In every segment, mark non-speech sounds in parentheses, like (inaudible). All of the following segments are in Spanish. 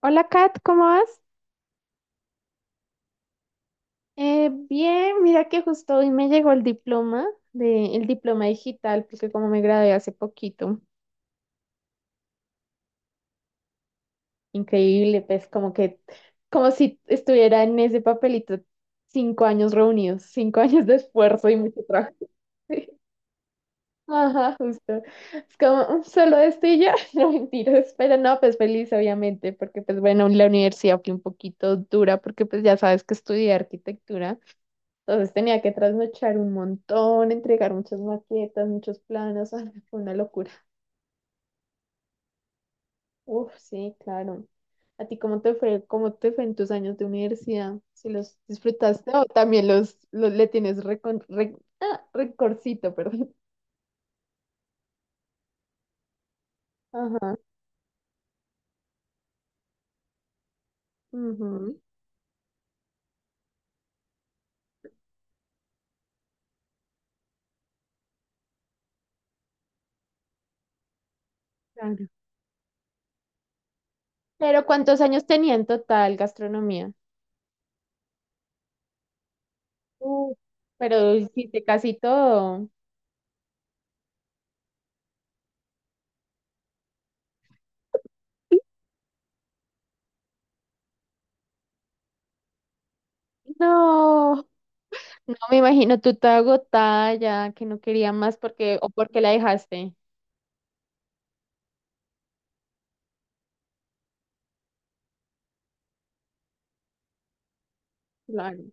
Hola Kat, ¿cómo vas? Bien, mira que justo hoy me llegó el diploma de, el diploma digital, porque como me gradué hace poquito, increíble, pues como que, como si estuviera en ese papelito 5 años reunidos, 5 años de esfuerzo y mucho trabajo. (laughs) Ajá, justo. Es como solo esto y ya, (laughs) no mentiras, pero no, pues feliz obviamente, porque pues bueno, la universidad fue un poquito dura, porque pues ya sabes que estudié arquitectura. Entonces tenía que trasnochar un montón, entregar muchas maquetas, muchos planos. (laughs) Ay, fue una locura. Uf, sí, claro. ¿A ti cómo te fue en tus años de universidad? ¿Si los disfrutaste o también los le tienes recorcito, (laughs) perdón? Ajá. Ujú, claro. Pero ¿cuántos años tenía en total gastronomía? Uh, pero hiciste casi todo. No, no me imagino tú te agotada ya, que no quería más porque o porque la dejaste. Claro.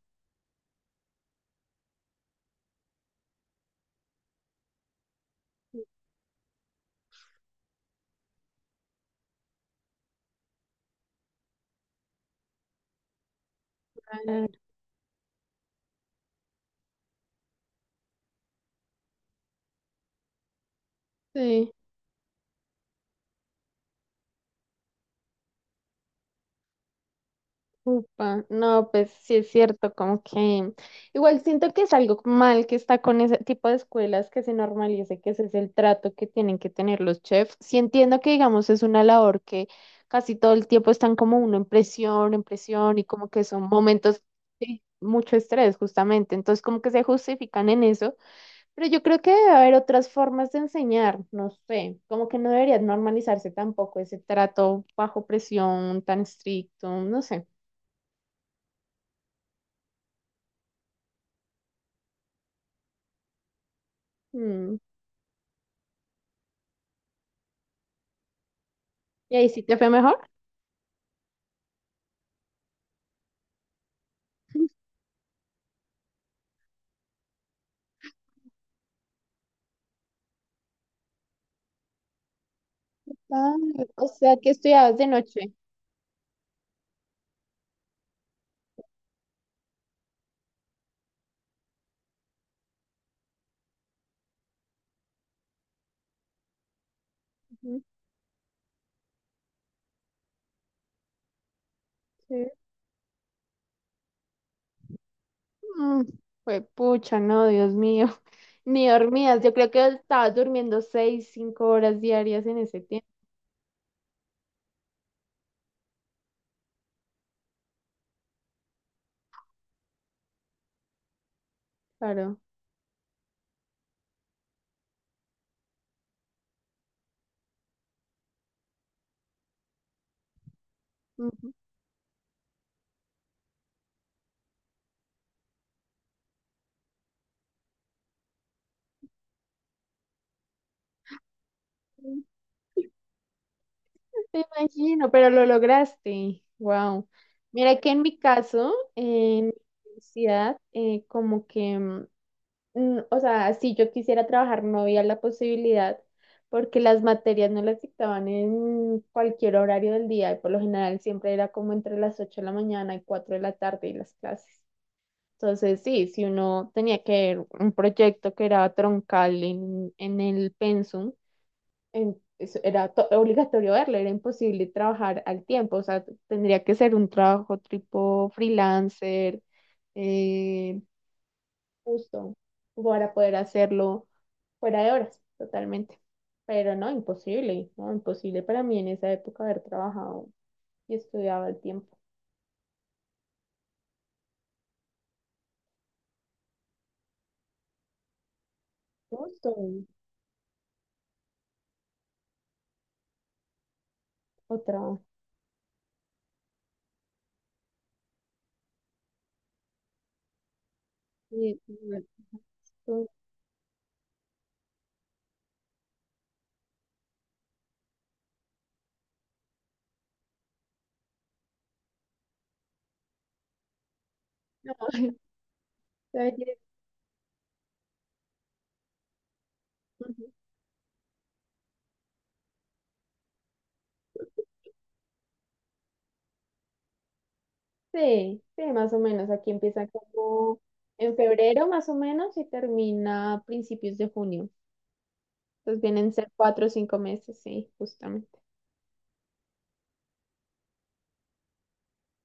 Claro, sí, upa. No, pues sí es cierto, como que igual siento que es algo mal que está con ese tipo de escuelas que se normalice, que ese es el trato que tienen que tener los chefs. Sí entiendo que, digamos, es una labor que casi todo el tiempo están como uno en presión y como que son momentos de mucho estrés, justamente. Entonces, como que se justifican en eso. Pero yo creo que debe haber otras formas de enseñar, no sé, como que no debería normalizarse tampoco ese trato bajo presión tan estricto, no sé. Mm. ¿Y ahí sí te fue mejor? Ah, o sea, que estudiabas de noche. Ujú, sí. Mm, fue pucha, no, Dios mío. (laughs) Ni dormías, yo creo que estabas durmiendo seis, 5 horas diarias en ese tiempo, claro. Ujú. Te imagino, pero lo lograste. Wow. Mira que en mi caso, en mi universidad, como que, o sea, si yo quisiera trabajar no había la posibilidad porque las materias no las dictaban en cualquier horario del día y por lo general siempre era como entre las 8 de la mañana y 4 de la tarde y las clases. Entonces, sí, si uno tenía que ver un proyecto que era troncal en el pensum, era obligatorio verla, era imposible trabajar al tiempo, o sea, tendría que ser un trabajo tipo freelancer, eh, justo, para poder hacerlo fuera de horas, totalmente. Pero no, imposible, no, imposible para mí en esa época haber trabajado y estudiado al tiempo. Justo, otra. y- y- No, (laughs) ¿sabes qué? Ujú. Sí, sí, más o menos. Aquí empieza como en febrero, más o menos, y termina a principios de junio. Entonces vienen a ser 4 o 5 meses, sí, justamente.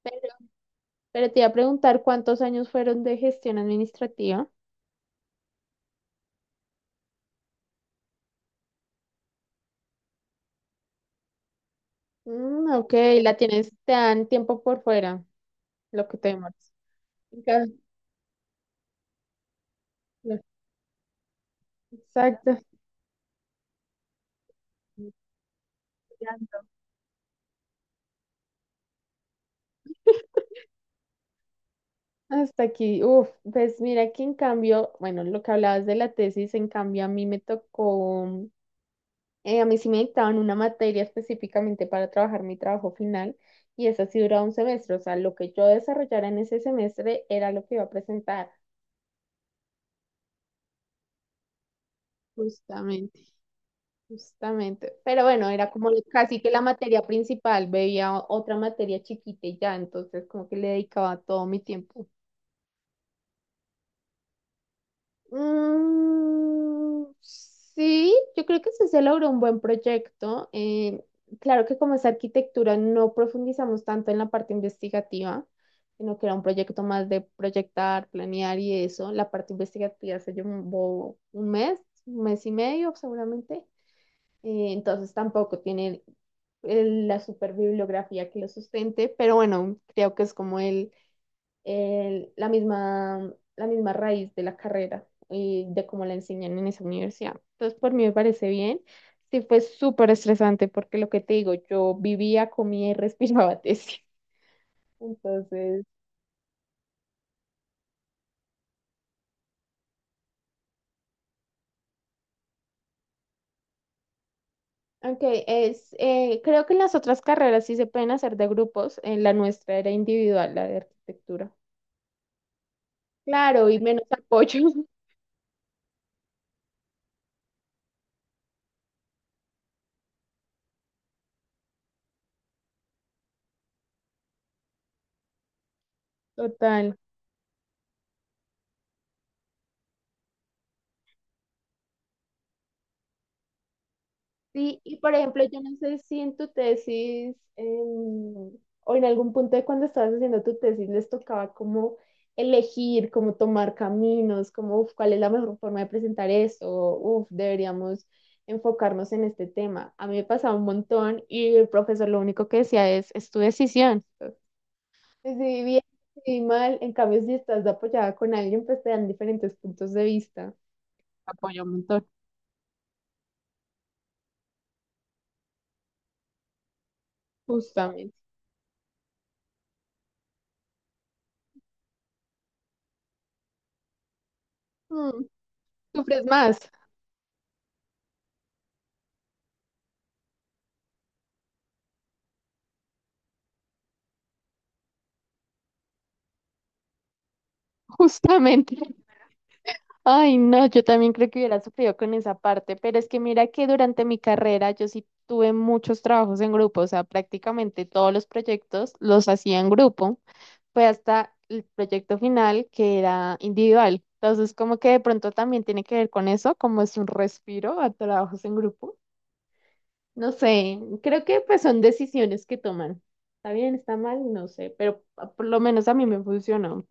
Pero, pero te iba a preguntar cuántos años fueron de gestión administrativa. Mm, ok, la tienes, te dan tiempo por fuera, lo que te demoras. Ca- no, exacto. Hasta aquí, uff, pues mira que en cambio, bueno, lo que hablabas de la tesis, en cambio a mí me tocó. A mí sí me dictaban una materia específicamente para trabajar mi trabajo final y esa sí duraba un semestre, o sea, lo que yo desarrollara en ese semestre era lo que iba a presentar. Justamente, justamente. Pero bueno, era como casi que la materia principal, veía otra materia chiquita y ya, entonces como que le dedicaba todo mi tiempo. Mm, sí, yo creo que sí se logró un buen proyecto. Claro que como es arquitectura no profundizamos tanto en la parte investigativa, sino que era un proyecto más de proyectar, planear y eso. La parte investigativa se llevó un mes y medio seguramente. Entonces tampoco tiene la super bibliografía que lo sustente, pero bueno, creo que es como la misma, la misma raíz de la carrera y de cómo la enseñan en esa universidad. Entonces, por mí me parece bien. Sí, fue súper estresante porque lo que te digo, yo vivía, comía y (laughs) respiraba tesis. Entonces, aunque es, creo que en las otras carreras sí se pueden hacer de grupos, en la nuestra era individual, la de arquitectura. Claro, y menos apoyo. (laughs) Total. Sí, y por ejemplo, yo no sé si en tu tesis o en algún punto de cuando estabas haciendo tu tesis les tocaba como elegir, como tomar caminos, como uf, cuál es la mejor forma de presentar esto, uf, deberíamos enfocarnos en este tema. A mí me pasaba un montón y el profesor lo único que decía es tu decisión. Decidí bien, decidí mal, en cambio si estás apoyada con alguien, pues te dan diferentes puntos de vista. Apoya un montón, justamente. Mm, sufres más. Justamente. Ay, no, yo también creo que hubiera sufrido con esa parte, pero es que mira que durante mi carrera yo sí tuve muchos trabajos en grupo, o sea, prácticamente todos los proyectos los hacía en grupo, fue hasta el proyecto final que era individual. Entonces, como que de pronto también tiene que ver con eso, como es un respiro a trabajos en grupo. No sé, creo que pues son decisiones que toman. Está bien, está mal, no sé, pero ah, por lo menos a mí me funcionó.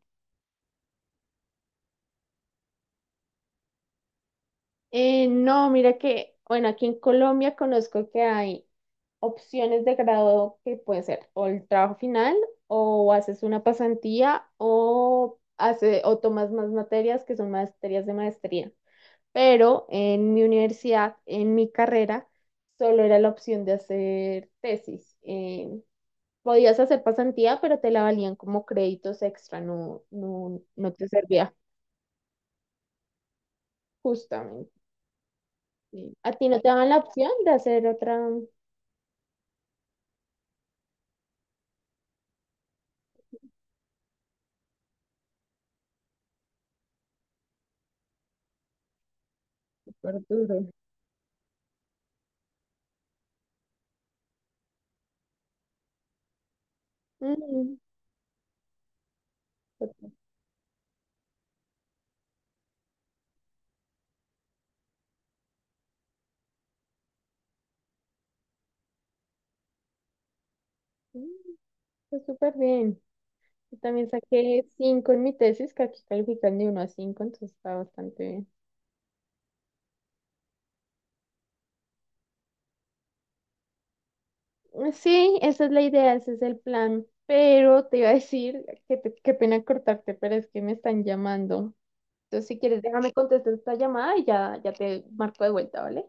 No, mira que, bueno, aquí en Colombia conozco que hay opciones de grado que pueden ser o el trabajo final o haces una pasantía o, o tomas más materias que son materias de maestría. Pero en mi universidad, en mi carrera, solo era la opción de hacer tesis. Podías hacer pasantía, pero te la valían como créditos extra, no, no, no te servía justamente. Sí. ¿A ti no te daban la opción de hacer otra? Súper duro. Mm, pues, mm, pues súper bien. Yo también saqué 5 en mi tesis, que aquí califican de 1 a 5, entonces está bastante bien. Sí, esa es la idea, ese es el plan. Pero te iba a decir, que qué pena cortarte, pero es que me están llamando. Entonces, si quieres, déjame contestar esta llamada y ya, ya te marco de vuelta, ¿vale?